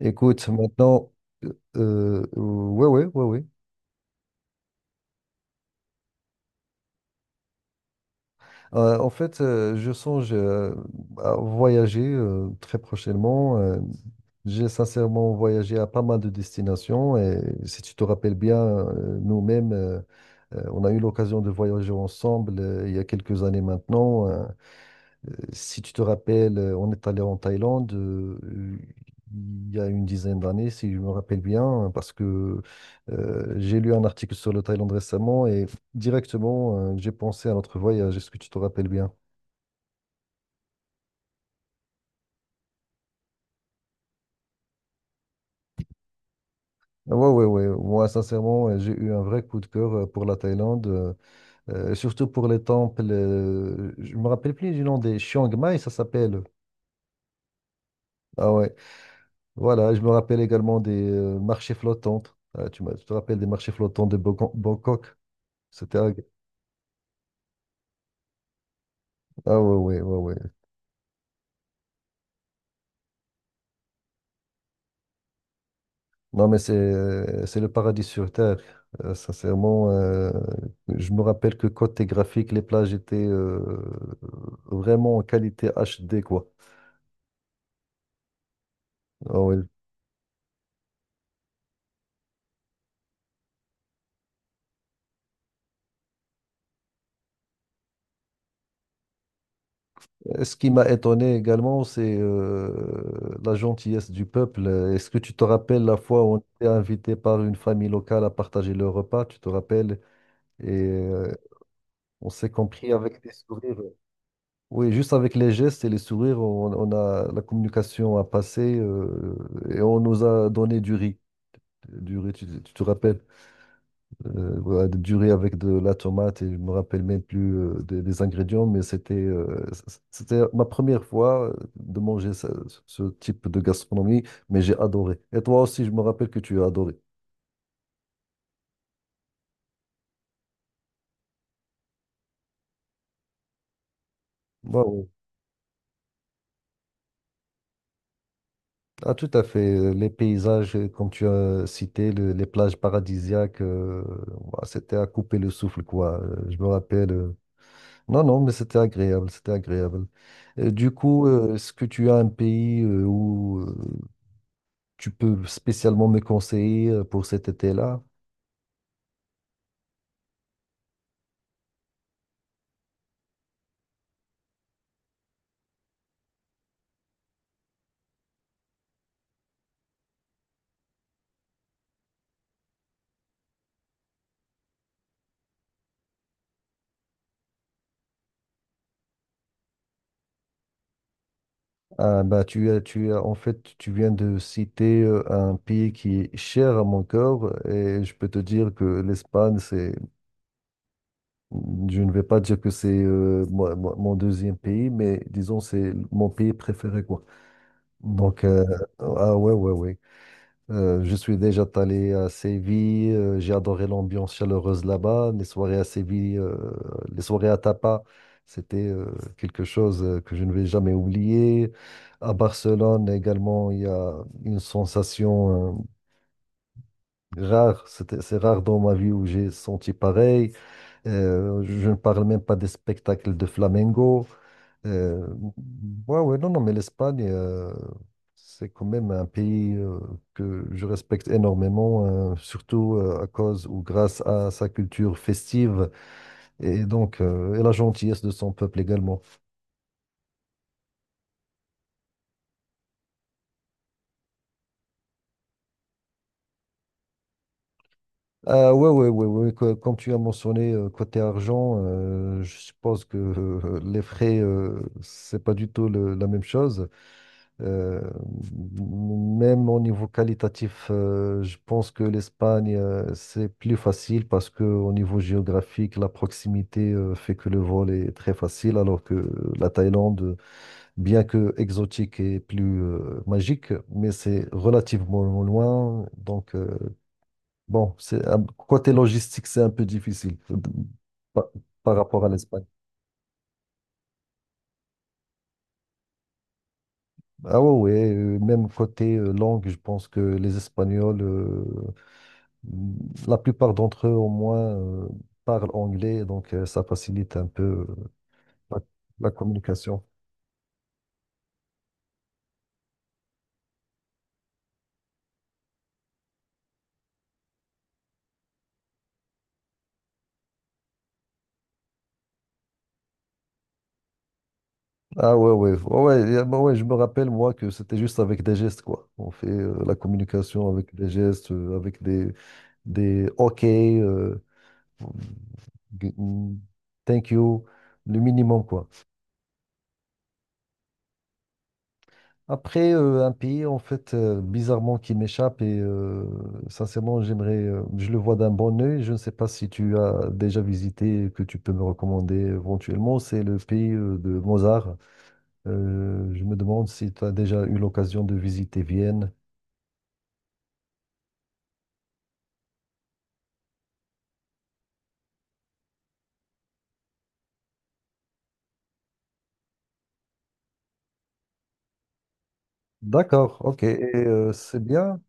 Écoute, maintenant, ouais, ouais, ouais, ouais. En fait, je songe à voyager très prochainement. J'ai sincèrement voyagé à pas mal de destinations et si tu te rappelles bien, nous-mêmes, on a eu l'occasion de voyager ensemble il y a quelques années maintenant. Si tu te rappelles, on est allé en Thaïlande il y a une dizaine d'années, si je me rappelle bien, parce que j'ai lu un article sur le Thaïlande récemment et directement, j'ai pensé à notre voyage. Est-ce que tu te rappelles bien? Ah ouais, ouais, ouais. Moi, sincèrement, j'ai eu un vrai coup de cœur pour la Thaïlande, surtout pour les temples. Je me rappelle plus du nom des Chiang Mai, ça s'appelle. Ah ouais. Voilà, je me rappelle également des marchés flottants. Tu te rappelles des marchés flottants de Bangkok? C'était ag- Ah ouais, ouais, ouais, ouais. Non, mais c'est le paradis sur Terre. Sincèrement, je me rappelle que côté graphique, les plages étaient vraiment en qualité HD, quoi. Ah ouais. Et ce qui m'a étonné également, c'est la gentillesse du peuple. Est-ce que tu te rappelles la fois où on était invité par une famille locale à partager le repas, tu te rappelles? Et on s'est compris avec des sourires. Oui, juste avec les gestes et les sourires, on a la communication à passer et on nous a donné du riz. Du riz, tu te rappelles? Voilà, du riz avec de la tomate et je me rappelle même plus des ingrédients, mais c'était ma première fois de manger ce type de gastronomie, mais j'ai adoré. Et toi aussi, je me rappelle que tu as adoré. Waouh. Ah, tout à fait. Les paysages, comme tu as cité, les plages paradisiaques, bah, c'était à couper le souffle, quoi. Je me rappelle. Non, non, mais c'était agréable, c'était agréable. Du coup, est-ce que tu as un pays où tu peux spécialement me conseiller pour cet été-là? Ah, bah, en fait, tu viens de citer un pays qui est cher à mon cœur et je peux te dire que l'Espagne, c'est, je ne vais pas dire que c'est mon deuxième pays, mais disons, c'est mon pays préféré, quoi. Donc, ah ouais, ouais, ouais. Je suis déjà allé à Séville, j'ai adoré l'ambiance chaleureuse là-bas. Les soirées à Séville, les soirées à Tapa, c'était quelque chose que je ne vais jamais oublier. À Barcelone également, il y a une sensation rare. C'est rare dans ma vie où j'ai senti pareil. Je ne parle même pas des spectacles de flamenco. Euh, ouais, ouais, non, non, mais l'Espagne, c'est quand même un pays que je respecte énormément, surtout à cause ou grâce à sa culture festive et donc et la gentillesse de son peuple également. Ah ouais, ouais, ouais, ouais, comme tu as mentionné côté argent, je suppose que les frais, c'est pas du tout la même chose. Euh, Même au niveau qualitatif, je pense que l'Espagne, c'est plus facile parce que au niveau géographique, la proximité, fait que le vol est très facile, alors que la Thaïlande, bien que exotique et plus, magique, mais c'est relativement loin. Donc, bon, c'est côté logistique, c'est un peu difficile, par par rapport à l'Espagne. Ah ouais, ouais, même côté langue, je pense que les Espagnols la plupart d'entre eux, au moins, parlent anglais, donc ça facilite un peu la, la communication. Ah ouais, ouais, ouais, ouais, y bah ouais, je me rappelle, moi, que c'était juste avec des gestes, quoi. On fait la communication avec des gestes, avec des OK. Thank you, le minimum, quoi. Après, un pays, en fait, bizarrement, qui m'échappe, et sincèrement, j'aimerais, je le vois d'un bon œil. Je ne sais pas si tu as déjà visité, que tu peux me recommander éventuellement, c'est le pays de Mozart. Je me demande si tu as déjà eu l'occasion de visiter Vienne. D'accord, ok. Et c'est bien.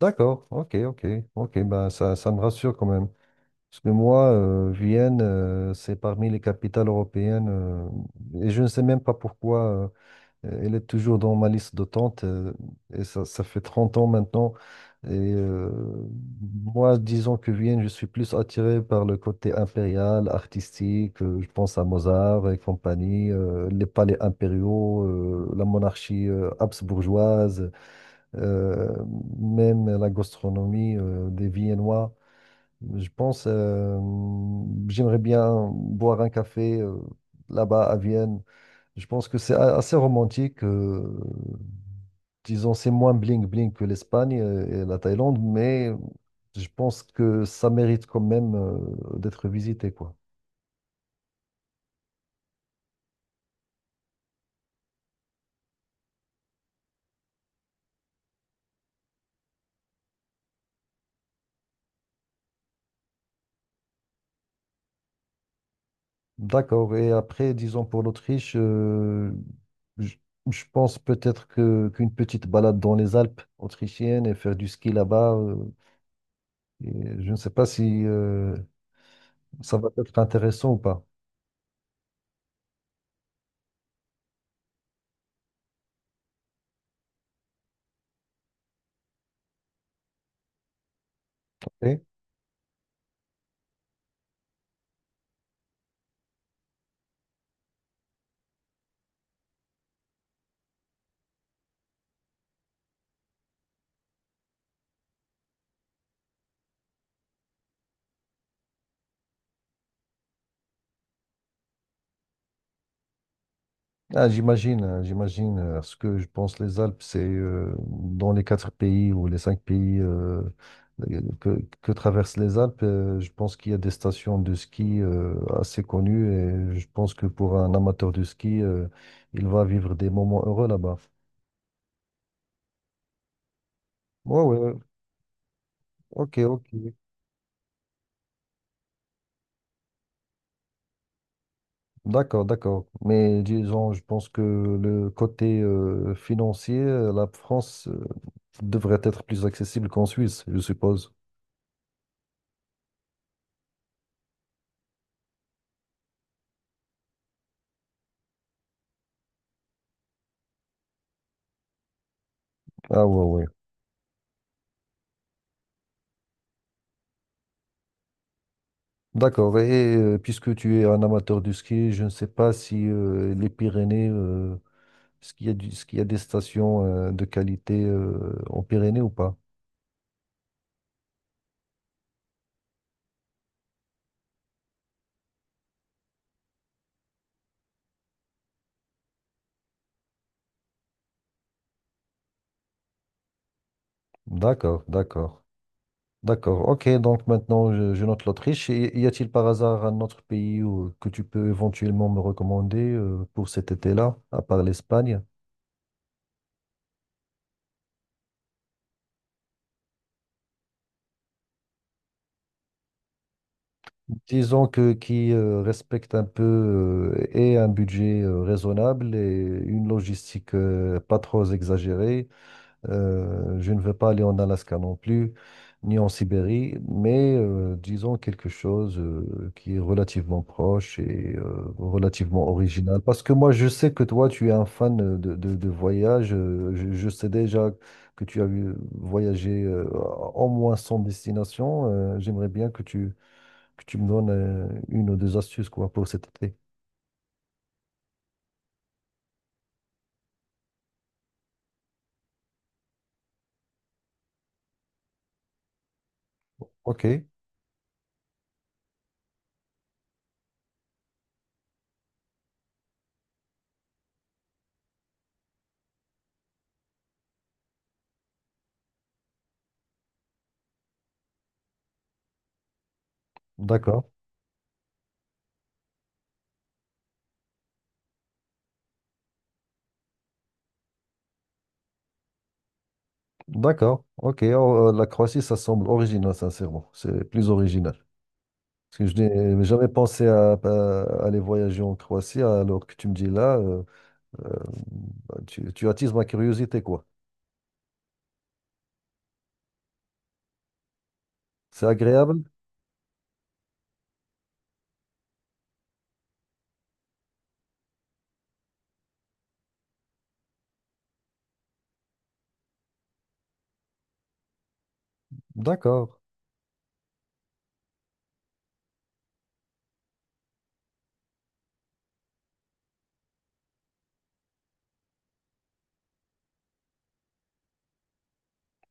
D'accord, ok, ok, ok, bah ça, ça me rassure quand même. Parce que moi, Vienne, c'est parmi les capitales européennes, et je ne sais même pas pourquoi elle est toujours dans ma liste d'attente, et ça fait 30 ans maintenant. Et moi, disons que Vienne, je suis plus attiré par le côté impérial, artistique, je pense à Mozart et compagnie, les palais impériaux, la monarchie habsbourgeoise. Euh, Même la gastronomie des Viennois. Je pense, j'aimerais bien boire un café là-bas à Vienne. Je pense que c'est assez romantique. Disons, c'est moins bling-bling que l'Espagne et la Thaïlande, mais je pense que ça mérite quand même d'être visité, quoi. D'accord. Et après, disons pour l'Autriche, je, je pense peut-être que qu'une petite balade dans les Alpes autrichiennes et faire du ski là-bas, et je ne sais pas si ça va être intéressant ou pas. Ok. Ah, j'imagine, hein, j'imagine. Ce que je pense, les Alpes, c'est dans les quatre pays ou les cinq pays que traversent les Alpes, je pense qu'il y a des stations de ski assez connues et je pense que pour un amateur de ski, il va vivre des moments heureux là-bas. Ouais, ouais, ok, ok. D'accord, d'accord. Mais disons, je pense que le côté financier, la France devrait être plus accessible qu'en Suisse, je suppose. Ah, ouais, ouais. D'accord. Et puisque tu es un amateur de ski, je ne sais pas si les Pyrénées, est-ce qu'il y a des stations de qualité en Pyrénées ou pas? D'accord, d'accord, d'accord. Ok, donc maintenant je note l'Autriche. Et y a-t-il par hasard un autre pays que tu peux éventuellement me recommander pour cet été-là, à part l'Espagne? Disons que qui respecte un peu et un budget raisonnable et une logistique pas trop exagérée. Je ne veux pas aller en Alaska non plus, ni en Sibérie, mais disons quelque chose qui est relativement proche et relativement original. Parce que moi, je sais que toi, tu es un fan de voyage. Je sais déjà que voyagé au moins 100 destinations. J'aimerais bien que tu me donnes une ou deux astuces quoi, pour cet été. OK, d'accord. D'accord, ok. Oh, la Croatie, ça semble original, sincèrement. C'est plus original. Parce que je n'ai jamais pensé à aller voyager en Croatie, alors que tu me dis là, euh, bah, tu attises ma curiosité, quoi. C'est agréable? D'accord.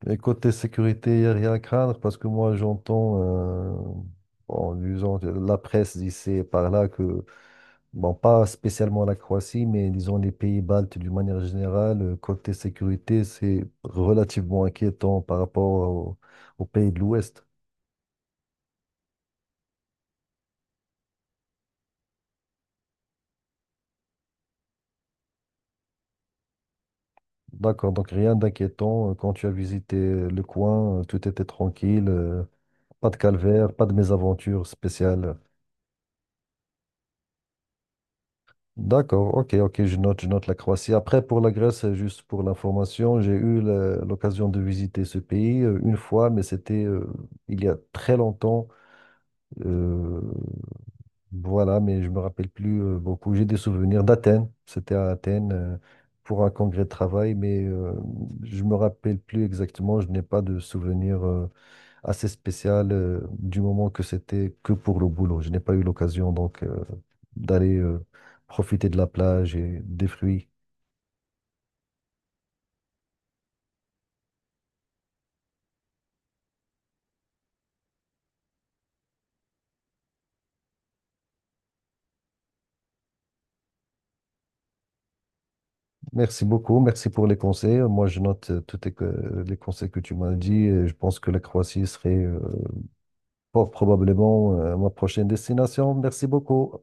Et côté sécurité, il n'y a rien à craindre, parce que moi, j'entends, en lisant la presse d'ici et par là, que, bon, pas spécialement la Croatie, mais disons les pays baltes d'une manière générale, côté sécurité, c'est relativement inquiétant par rapport au- aux pays de l'Ouest. D'accord, donc rien d'inquiétant. Quand tu as visité le coin, tout était tranquille, pas de calvaire, pas de mésaventure spéciale. D'accord, ok, ok, je note la Croatie. Après, pour la Grèce, juste pour l'information, j'ai eu l'occasion de visiter ce pays une fois, mais c'était il y a très longtemps. Euh, voilà, mais je me rappelle plus beaucoup. J'ai des souvenirs d'Athènes. C'était à Athènes pour un congrès de travail, mais je me rappelle plus exactement. Je n'ai pas de souvenirs assez spécial du moment que c'était que pour le boulot. Je n'ai pas eu l'occasion donc d'aller profiter de la plage et des fruits. Merci beaucoup, merci pour les conseils. Moi, je note les conseils que tu m'as dit et je pense que la Croatie serait fort probablement ma prochaine destination. Merci beaucoup.